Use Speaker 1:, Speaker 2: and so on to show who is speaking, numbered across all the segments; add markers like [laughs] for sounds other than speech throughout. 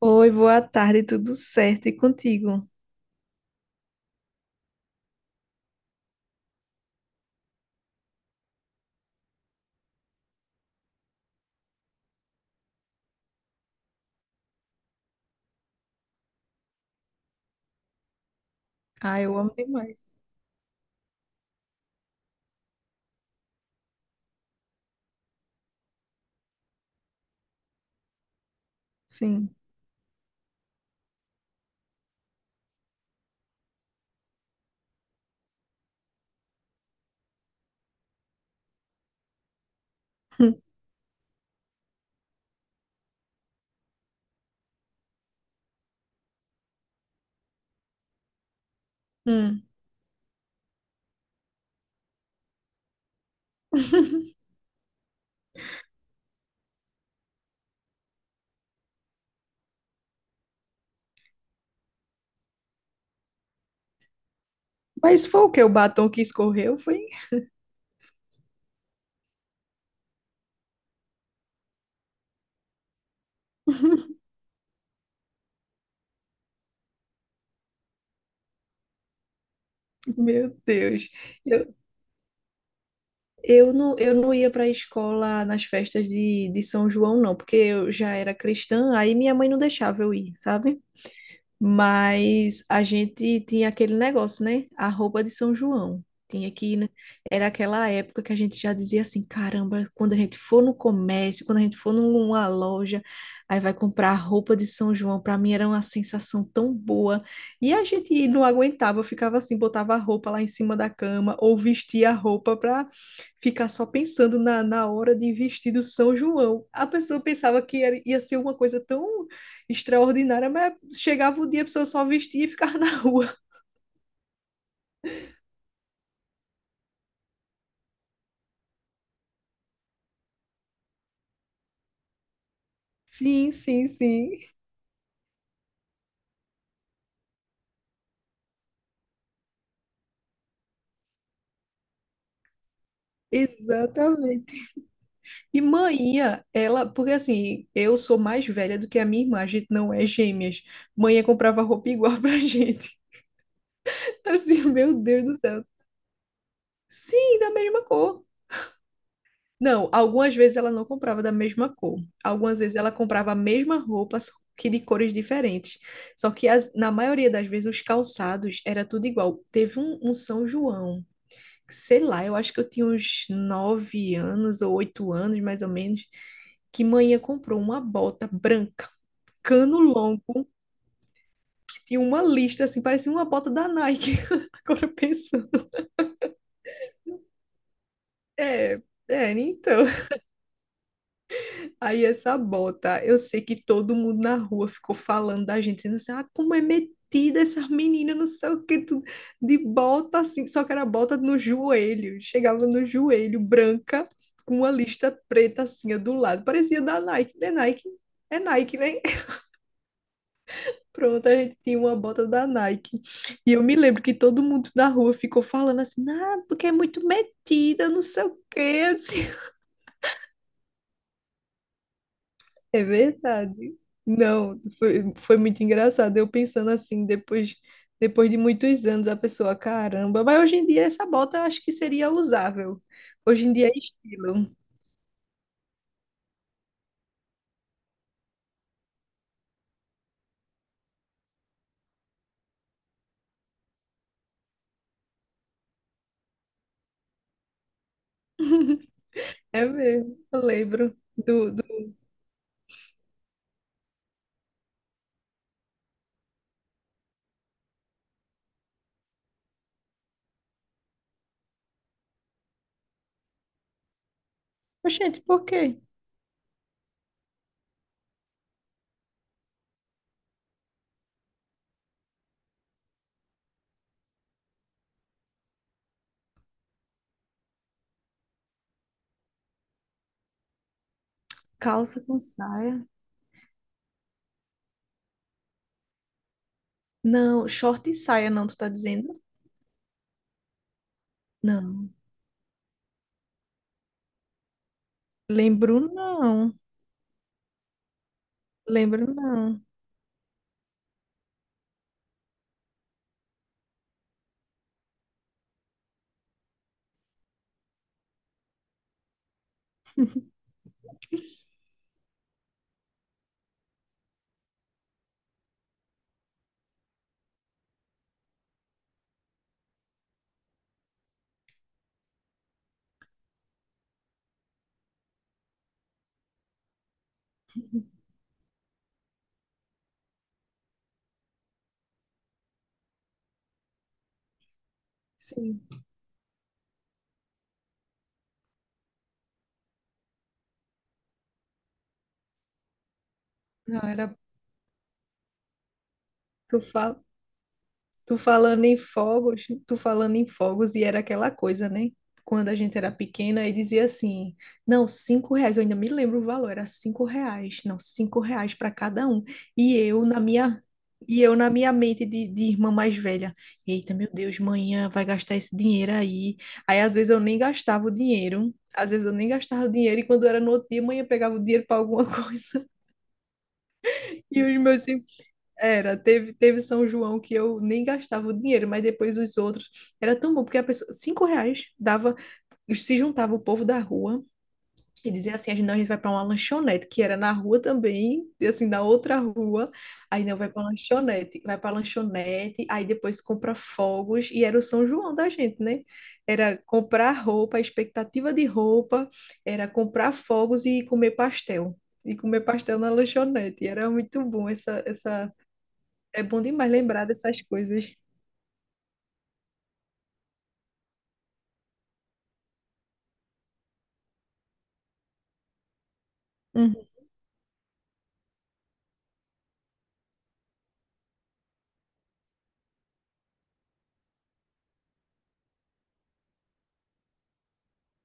Speaker 1: Oi, boa tarde, tudo certo? E contigo? Ah, eu amo demais. Sim. [laughs] Hum. [laughs] Mas foi o que? O batom que escorreu? Foi? [laughs] Meu Deus. Eu, eu não ia para a escola nas festas de São João, não, porque eu já era cristã, aí minha mãe não deixava eu ir, sabe? Mas a gente tinha aquele negócio, né? A roupa de São João. Tinha que ir, né? Era aquela época que a gente já dizia assim, caramba, quando a gente for no comércio, quando a gente for numa loja, aí vai comprar a roupa de São João. Para mim era uma sensação tão boa. E a gente não aguentava, ficava assim, botava a roupa lá em cima da cama ou vestia a roupa para ficar só pensando na hora de vestir do São João. A pessoa pensava que ia ser uma coisa tão extraordinária, mas chegava o dia, a pessoa só vestia e ficava [laughs] na rua. Sim, sim, sim. Exatamente. E manhã, ela, porque assim, eu sou mais velha do que a minha irmã, a gente não é gêmeas. Manhã comprava roupa igual pra gente. [laughs] Assim, meu Deus do céu. Sim, da mesma cor. Não, algumas vezes ela não comprava da mesma cor. Algumas vezes ela comprava a mesma roupa, só que de cores diferentes. Só que na maioria das vezes os calçados era tudo igual. Teve um São João, sei lá, eu acho que eu tinha uns 9 anos ou 8 anos, mais ou menos, que manhã comprou uma bota branca, cano longo, que tinha uma lista assim, parecia uma bota da Nike. [laughs] Agora pensando. É, então. Aí essa bota, eu sei que todo mundo na rua ficou falando da gente, dizendo assim, ah, como é metida essas meninas, não sei o que, tudo, de bota assim, só que era bota no joelho, chegava no joelho, branca, com uma lista preta assim, ó, do lado, parecia da Nike, é Nike, é Nike, né? [laughs] Pronto, a gente tinha uma bota da Nike, e eu me lembro que todo mundo da rua ficou falando assim, ah, porque é muito metida, não sei o que, assim. É verdade. Não, foi muito engraçado. Eu pensando assim, depois de muitos anos, a pessoa, caramba, mas hoje em dia essa bota eu acho que seria usável. Hoje em dia é estilo. É mesmo, eu lembro do. Gente, por quê? Calça com saia. Não, short e saia, não, tu tá dizendo? Não. Lembro não. Lembro não. Sim. Não, era. Tu fala. Tu falando em fogos, tu falando em fogos, e era aquela coisa, né? Quando a gente era pequena, e dizia assim: não, R$ 5, eu ainda me lembro o valor, era R$ 5, não, R$ 5 para cada um. E eu, na minha, e eu, na minha mente de irmã mais velha, eita, meu Deus, manhã vai gastar esse dinheiro aí. Aí, às vezes, eu nem gastava o dinheiro, às vezes, eu nem gastava o dinheiro, e quando era no outro dia, manhã pegava o dinheiro para alguma [laughs] coisa. E os meus era, teve São João que eu nem gastava o dinheiro, mas depois os outros. Era tão bom, porque a pessoa, R$ 5 dava, se juntava o povo da rua e dizia assim: a gente, não, a gente vai para uma lanchonete, que era na rua também, e assim, na outra rua. Aí não, vai para lanchonete, aí depois compra fogos, e era o São João da gente, né? Era comprar roupa, expectativa de roupa, era comprar fogos e comer pastel. E comer pastel na lanchonete. E era muito bom essa é bom demais lembrar dessas coisas. Uhum.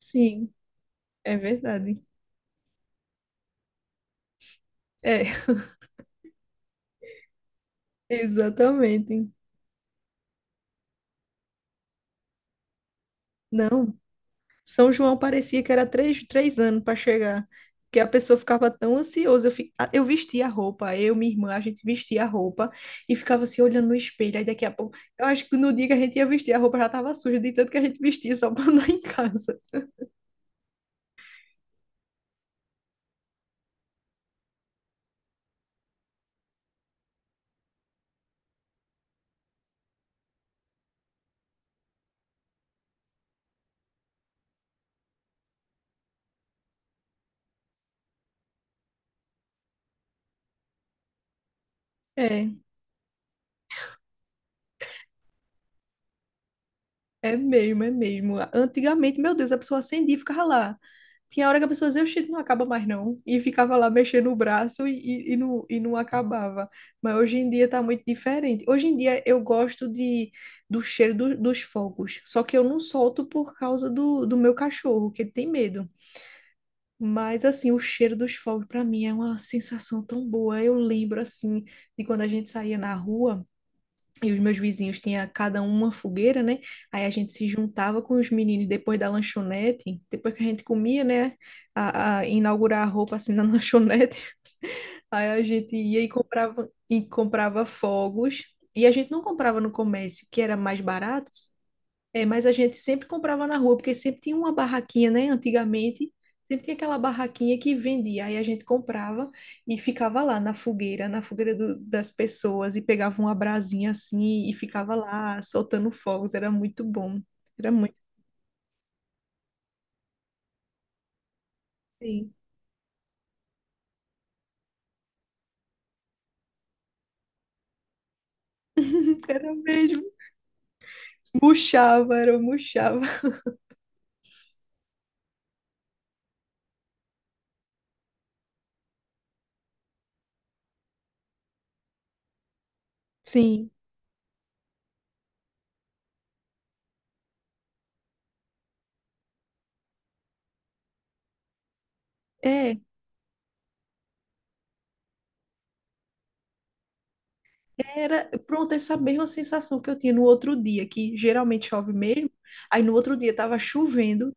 Speaker 1: Sim, é verdade. É, [laughs] exatamente. Não, São João parecia que era três anos para chegar, que a pessoa ficava tão ansiosa. Eu, eu vestia a roupa, eu, minha irmã, a gente vestia a roupa e ficava se olhando no espelho. Aí daqui a pouco, eu acho que no dia que a gente ia vestir a roupa já estava suja, de tanto que a gente vestia só para [laughs] andar em casa. É. É mesmo, é mesmo. Antigamente, meu Deus, a pessoa acendia e ficava lá. Tinha hora que a pessoa dizia, oxi, não acaba mais não. E ficava lá mexendo o braço e não acabava. Mas hoje em dia tá muito diferente. Hoje em dia eu gosto do cheiro do- dos fogos. Só que eu não solto por causa do meu cachorro, que ele tem medo. Mas assim, o cheiro dos fogos para mim é uma sensação tão boa. Eu lembro assim de quando a gente saía na rua. E os meus vizinhos tinham cada um uma fogueira, né? Aí a gente se juntava com os meninos depois da lanchonete, depois que a gente comia, né? A inaugurar a roupa assim na [laughs] lanchonete. Aí a gente ia e comprava fogos. E a gente não comprava no comércio, que era mais barato, é, mas a gente sempre comprava na rua, porque sempre tinha uma barraquinha, né? Antigamente, sempre tinha aquela barraquinha que vendia. Aí a gente comprava e ficava lá na fogueira das pessoas, e pegava uma brasinha assim e ficava lá soltando fogos. Era muito bom. Era muito bem. [laughs] Era mesmo. Murchava, era, murchava. Sim. É, era, pronto, essa mesma sensação que eu tinha no outro dia, que geralmente chove mesmo. Aí no outro dia tava chovendo,